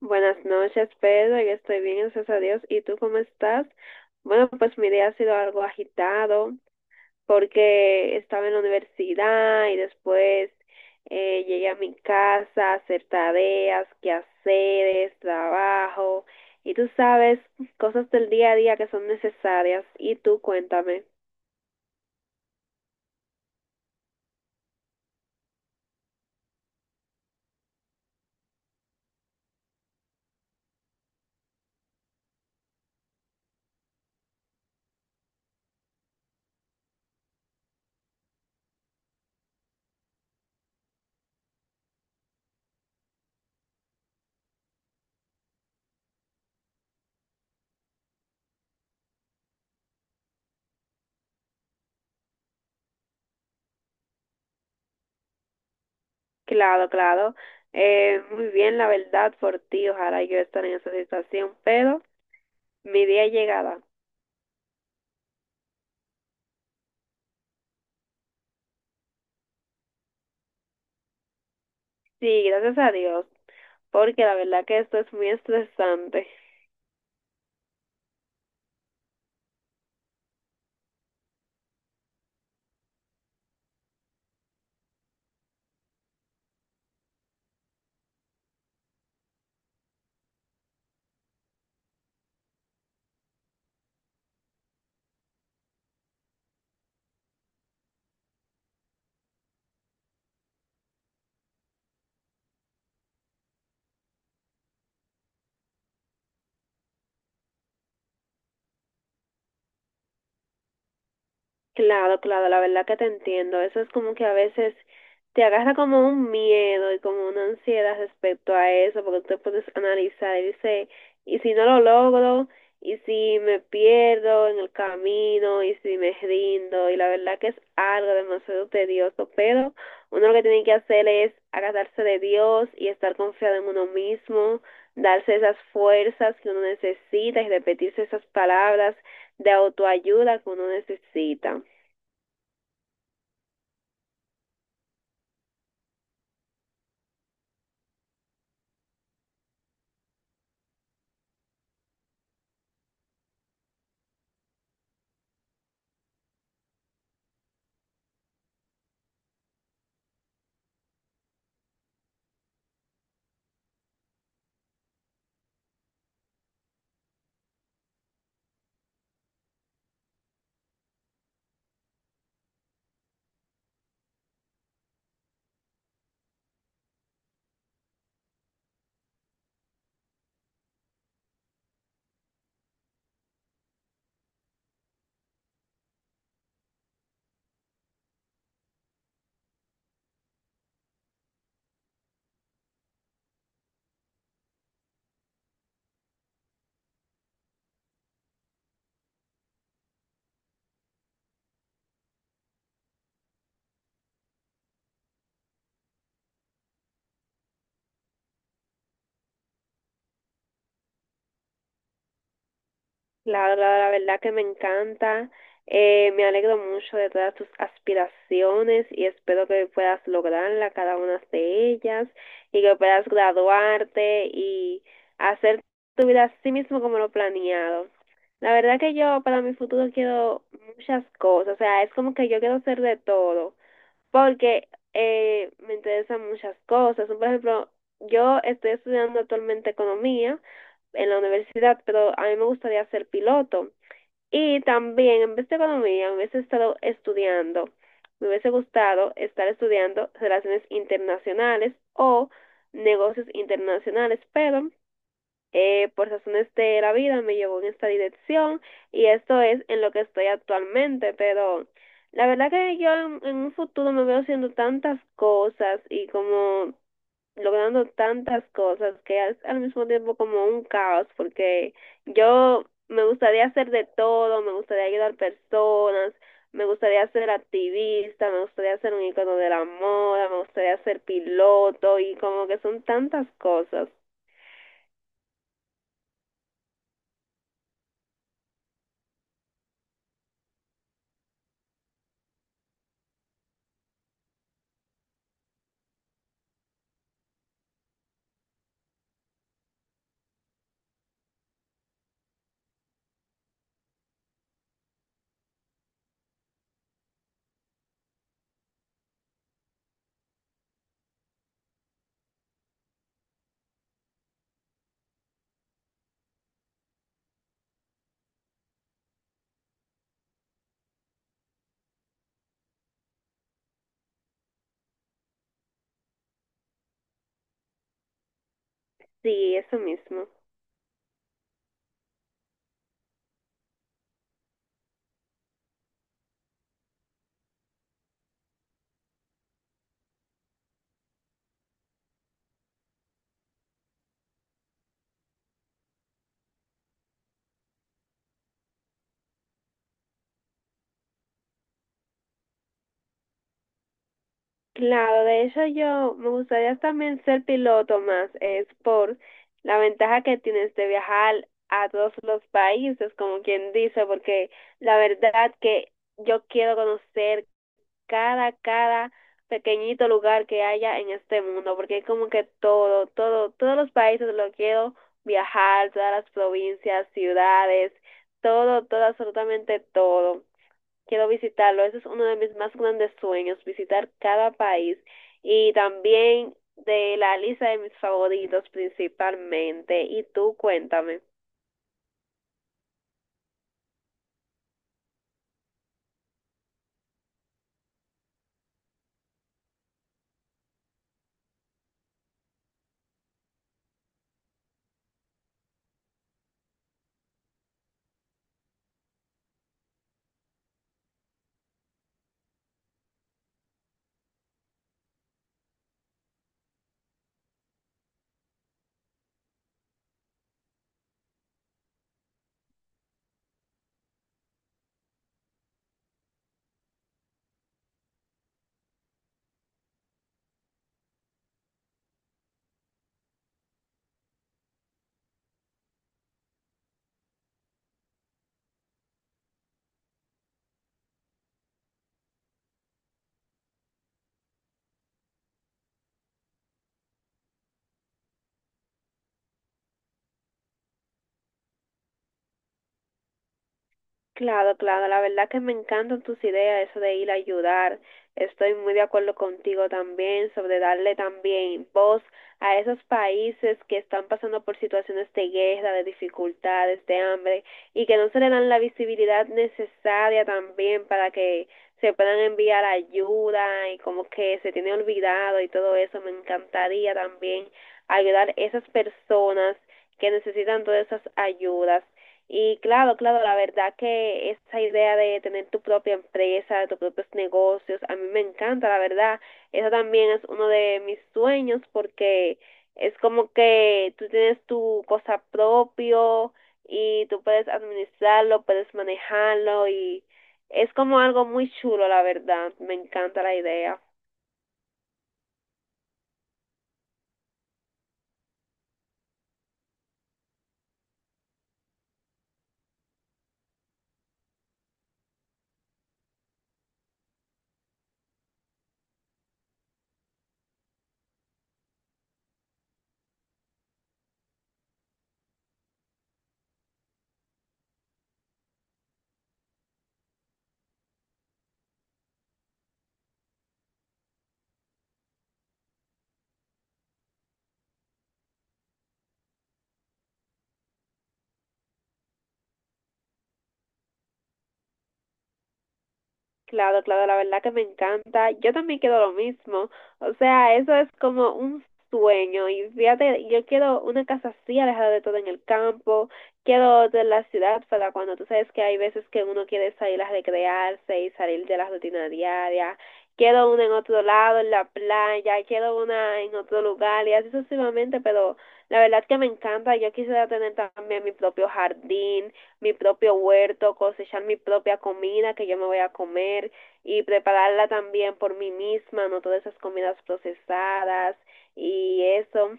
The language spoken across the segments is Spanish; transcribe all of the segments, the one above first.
Buenas noches, Pedro. Yo estoy bien, gracias a Dios. ¿Y tú cómo estás? Bueno, pues mi día ha sido algo agitado porque estaba en la universidad y después llegué a mi casa a hacer tareas, quehaceres, trabajo y tú sabes, cosas del día a día que son necesarias. Y tú cuéntame. Claro, claro. Muy bien, la verdad, por ti. Ojalá yo estar en esa situación, pero mi día llegará. Sí, gracias a Dios, porque la verdad que esto es muy estresante. Claro, claro, la verdad que te entiendo. Eso es como que a veces te agarra como un miedo y como una ansiedad respecto a eso, porque tú te puedes analizar y dices, ¿y si no lo logro? ¿Y si me pierdo en el camino? ¿Y si me rindo? Y la verdad que es algo demasiado tedioso, pero uno lo que tiene que hacer es agarrarse de Dios y estar confiado en uno mismo, darse esas fuerzas que uno necesita y repetirse esas palabras de autoayuda que uno necesita. Claro, la verdad que me encanta. Me alegro mucho de todas tus aspiraciones y espero que puedas lograrla cada una de ellas y que puedas graduarte y hacer tu vida así mismo como lo planeado. La verdad que yo para mi futuro quiero muchas cosas. O sea, es como que yo quiero ser de todo porque me interesan muchas cosas. Por ejemplo, yo estoy estudiando actualmente economía en la universidad, pero a mí me gustaría ser piloto. Y también, en vez de economía, me hubiese estado estudiando, me hubiese gustado estar estudiando relaciones internacionales o negocios internacionales, pero por razones de la vida me llevó en esta dirección y esto es en lo que estoy actualmente, pero la verdad que yo en un futuro me veo haciendo tantas cosas y como logrando tantas cosas que es al mismo tiempo como un caos, porque yo me gustaría hacer de todo, me gustaría ayudar personas, me gustaría ser activista, me gustaría ser un icono de la moda, me gustaría ser piloto y como que son tantas cosas. Sí, eso mismo. Claro, de hecho yo me gustaría también ser piloto más, es por la ventaja que tienes de viajar a todos los países, como quien dice, porque la verdad que yo quiero conocer cada, cada pequeñito lugar que haya en este mundo, porque es como que todo, todo, todos los países lo quiero viajar, todas las provincias, ciudades, todo, todo, absolutamente todo. Quiero visitarlo. Ese es uno de mis más grandes sueños, visitar cada país y también de la lista de mis favoritos principalmente. Y tú cuéntame. Claro, claro, la verdad que me encantan tus ideas, eso de ir a ayudar. Estoy muy de acuerdo contigo también sobre darle también voz a esos países que están pasando por situaciones de guerra, de dificultades, de hambre y que no se le dan la visibilidad necesaria también para que se puedan enviar ayuda y como que se tiene olvidado y todo eso. Me encantaría también ayudar a esas personas que necesitan todas esas ayudas. Y claro, claro, la verdad que esa idea de tener tu propia empresa, tus propios negocios, a mí me encanta, la verdad. Eso también es uno de mis sueños porque es como que tú tienes tu cosa propio y tú puedes administrarlo, puedes manejarlo y es como algo muy chulo, la verdad. Me encanta la idea. Claro, claro, la verdad que me encanta. Yo también quiero lo mismo. O sea, eso es como un sueño. Y fíjate, yo quiero una casa así, alejada de todo en el campo. Quiero de la ciudad para cuando tú sabes que hay veces que uno quiere salir a recrearse y salir de la rutina diaria. Quiero una en otro lado, en la playa. Quiero una en otro lugar y así sucesivamente. Pero la verdad que me encanta. Yo quisiera tener también mi propio jardín, mi propio huerto, cosechar mi propia comida que yo me voy a comer y prepararla también por mí misma, no todas esas comidas procesadas y eso,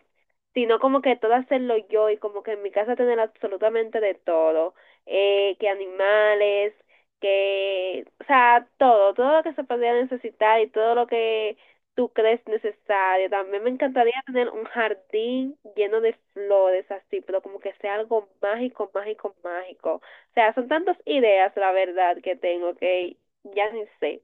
sino como que todo hacerlo yo y como que en mi casa tener absolutamente de todo, que animales, que, o sea, todo, todo lo que se podría necesitar y todo lo que tú crees necesario. También me encantaría tener un jardín lleno de flores así, pero como que sea algo mágico, mágico, mágico. O sea, son tantas ideas, la verdad, que tengo que ya ni sé.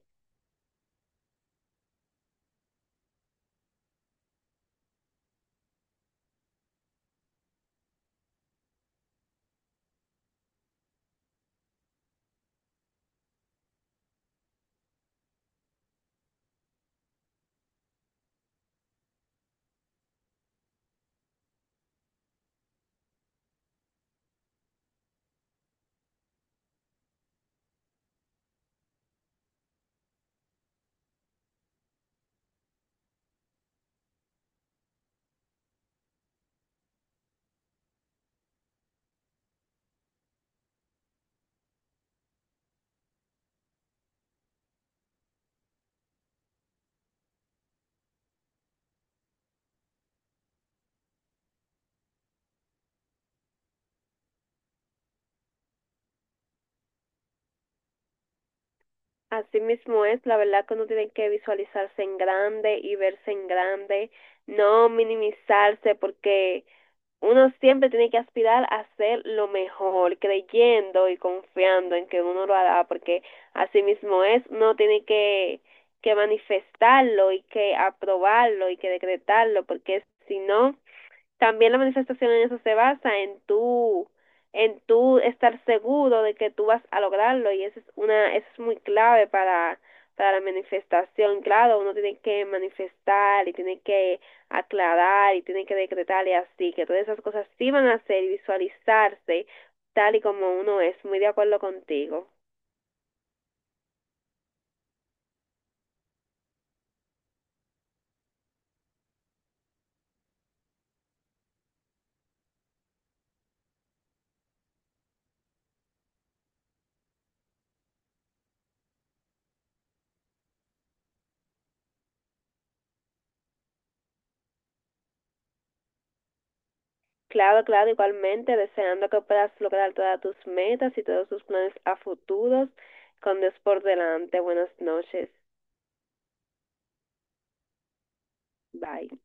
Así mismo es, la verdad que uno tiene que visualizarse en grande y verse en grande, no minimizarse porque uno siempre tiene que aspirar a hacer lo mejor, creyendo y confiando en que uno lo hará, porque así mismo es, uno tiene que manifestarlo y que aprobarlo y que decretarlo, porque si no, también la manifestación en eso se basa en tú estar seguro de que tú vas a lograrlo y eso es una, eso es muy clave para la manifestación. Claro, uno tiene que manifestar y tiene que aclarar y tiene que decretar y así, que todas esas cosas sí van a ser y visualizarse tal y como uno es. Muy de acuerdo contigo. Claro, claro, igualmente, deseando que puedas lograr todas tus metas y todos tus planes a futuros con Dios por delante. Buenas noches. Bye.